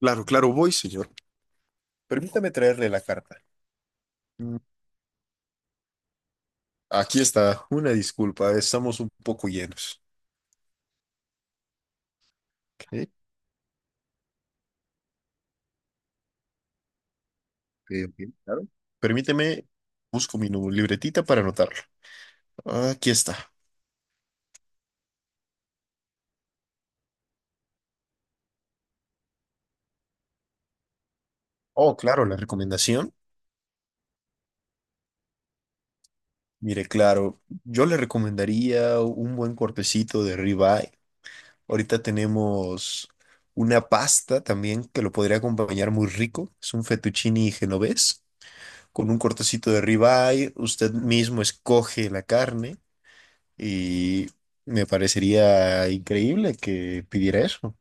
Claro, claro, voy, señor. Permítame traerle la carta. Mm. Aquí está. Una disculpa, estamos un poco llenos. Ok, ok, ok, claro. Permíteme, busco mi libretita para anotarlo. Aquí está. Oh, claro, la recomendación. Mire, claro, yo le recomendaría un buen cortecito de ribeye. Ahorita tenemos una pasta también que lo podría acompañar muy rico. Es un fettuccine genovés con un cortecito de ribeye. Usted mismo escoge la carne. Y me parecería increíble que pidiera eso.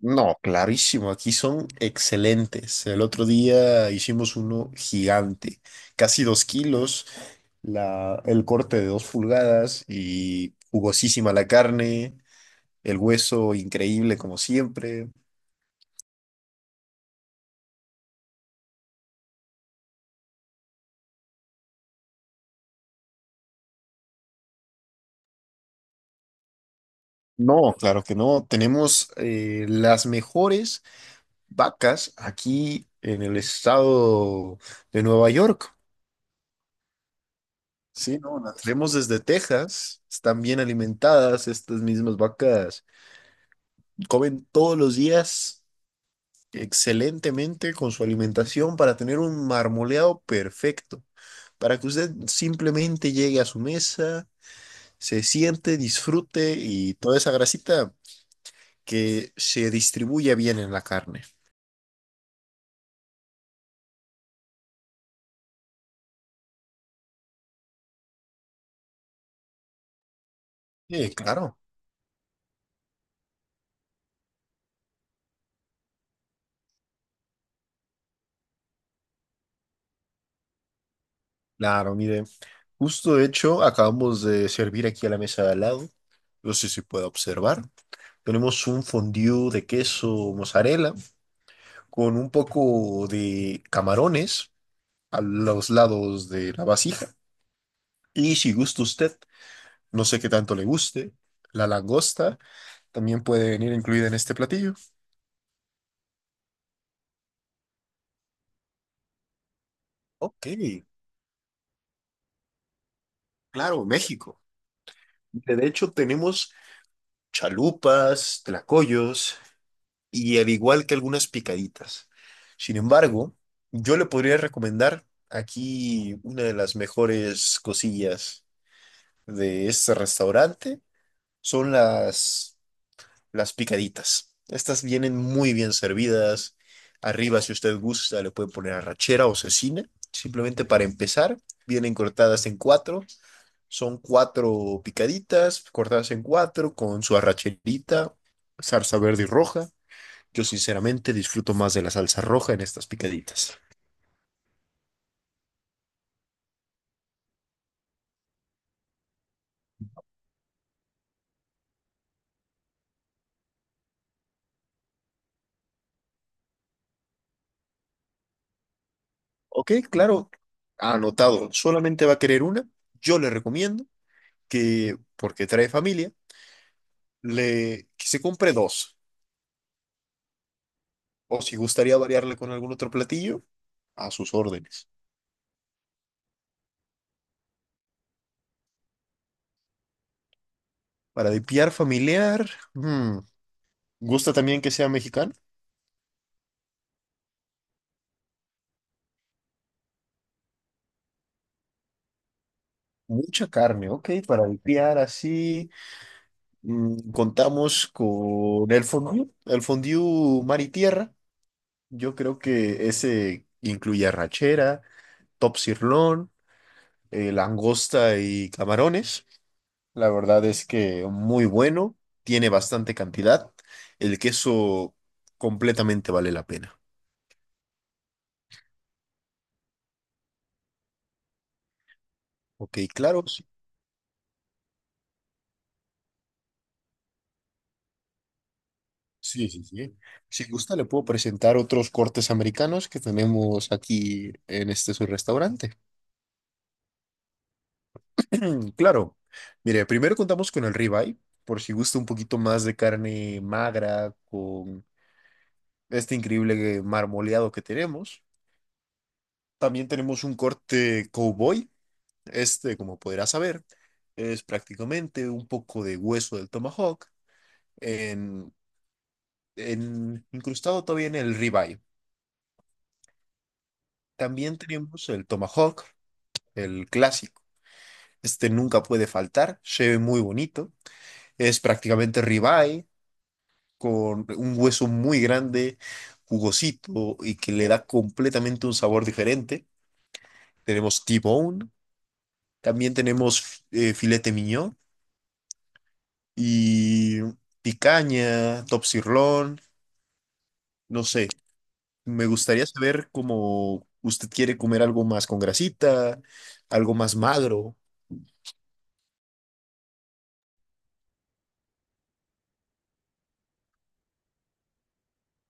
No, clarísimo, aquí son excelentes. El otro día hicimos uno gigante, casi dos kilos, el corte de dos pulgadas y jugosísima la carne, el hueso increíble como siempre. No, claro que no. Tenemos las mejores vacas aquí en el estado de Nueva York. Sí, no, las traemos desde Texas, están bien alimentadas, estas mismas vacas comen todos los días excelentemente con su alimentación para tener un marmoleado perfecto, para que usted simplemente llegue a su mesa, se siente, disfrute y toda esa grasita que se distribuya bien en la carne. Sí, claro. Claro, mire, justo de hecho acabamos de servir aquí a la mesa de al lado, no sé si puede observar, tenemos un fondue de queso mozzarella con un poco de camarones a los lados de la vasija y si gusta usted, no sé qué tanto le guste, la langosta también puede venir incluida en este platillo. Ok, claro, México. De hecho tenemos chalupas, tlacoyos, y al igual que algunas picaditas. Sin embargo, yo le podría recomendar aquí una de las mejores cosillas de este restaurante son las picaditas. Estas vienen muy bien servidas. Arriba, si usted gusta, le puede poner arrachera o cecina. Simplemente para empezar, vienen cortadas en cuatro. Son cuatro picaditas cortadas en cuatro con su arracherita, salsa verde y roja. Yo sinceramente disfruto más de la salsa roja en estas picaditas. Ok, claro, anotado. Solamente va a querer una. Yo le recomiendo que, porque trae familia, que se compre dos. O si gustaría variarle con algún otro platillo, a sus órdenes. Para dipiar familiar, ¿gusta también que sea mexicano? Mucha carne, ok, para dipiar así. Contamos con el fondue mar y tierra. Yo creo que ese incluye arrachera, top sirloin, langosta y camarones. La verdad es que muy bueno, tiene bastante cantidad. El queso completamente vale la pena. Ok, claro. Sí, sí, sí, sí. Si gusta, le puedo presentar otros cortes americanos que tenemos aquí en este su restaurante. Claro. Mire, primero contamos con el ribeye, por si gusta un poquito más de carne magra, con este increíble marmoleado que tenemos. También tenemos un corte cowboy. Este, como podrás saber, es prácticamente un poco de hueso del tomahawk en, incrustado todavía en el ribeye. También tenemos el tomahawk, el clásico. Este nunca puede faltar, se ve muy bonito. Es prácticamente ribeye con un hueso muy grande, jugosito y que le da completamente un sabor diferente. Tenemos T-bone, también tenemos filete miñón y picaña, top sirloin, no sé. Me gustaría saber cómo usted quiere comer algo más con grasita, algo más magro.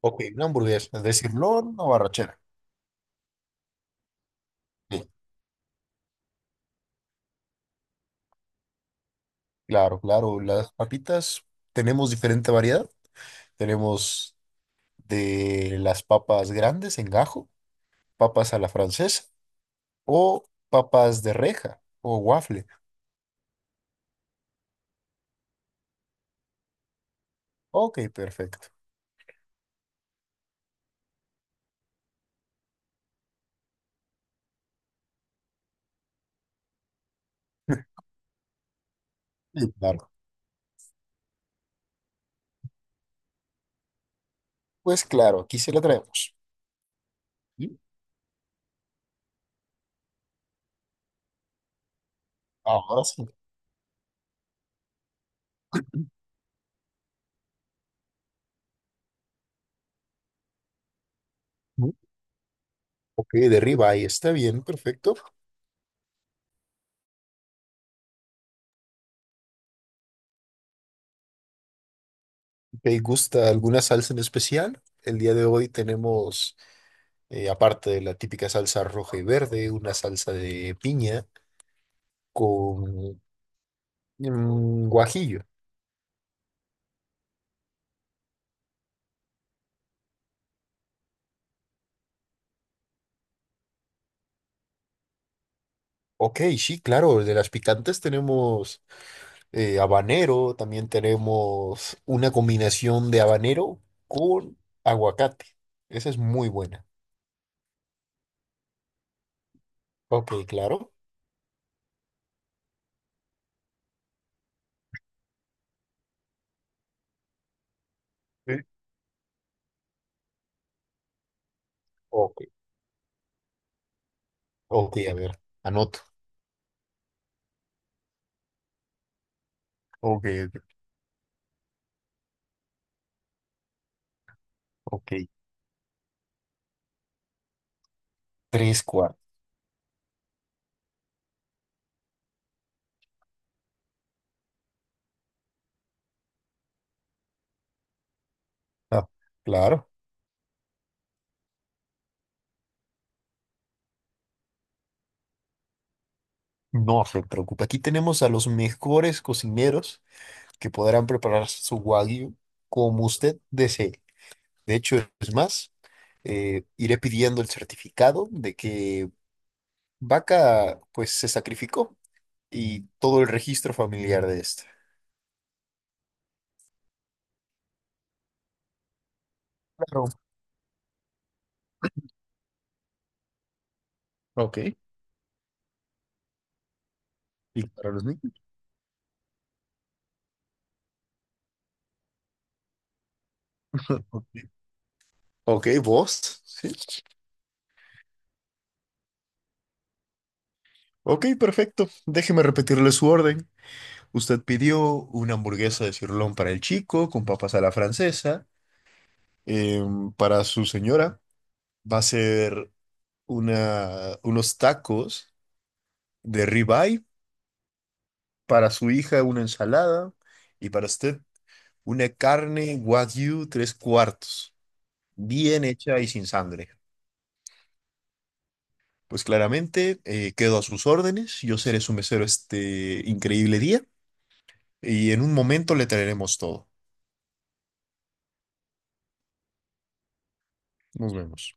Ok, una hamburguesa, es decir, o arrachera. Sí, claro, claro. Las papitas tenemos diferente variedad. Tenemos de las papas grandes en gajo, papas a la francesa o papas de reja o waffle. Ok, perfecto. Sí, claro. Pues claro, aquí se la traemos. ¿Sí? Ahora sí. Mm, ok, de ribeye, está bien, perfecto. ¿Te gusta alguna salsa en especial? El día de hoy tenemos, aparte de la típica salsa roja y verde, una salsa de piña con guajillo. Ok, sí, claro, de las picantes tenemos habanero, también tenemos una combinación de habanero con aguacate. Esa es muy buena. Ok, claro. Sí. Ok, a ver, anoto. Ok, ok, ok. Tres cuartos. Ah, claro. No se preocupe. Aquí tenemos a los mejores cocineros que podrán preparar su wagyu como usted desee. De hecho, es más, iré pidiendo el certificado de que vaca, pues, se sacrificó y todo el registro familiar de esta. Claro. Ok. Y para los niños. Ok, vos. Sí. Ok, perfecto. Déjeme repetirle su orden. Usted pidió una hamburguesa de cirlón para el chico con papas a la francesa. Para su señora va a ser unos tacos de ribeye. Para su hija una ensalada. Y para usted una carne wagyu tres cuartos, bien hecha y sin sangre. Pues claramente quedo a sus órdenes. Yo seré su mesero este increíble día. Y en un momento le traeremos todo. Nos vemos.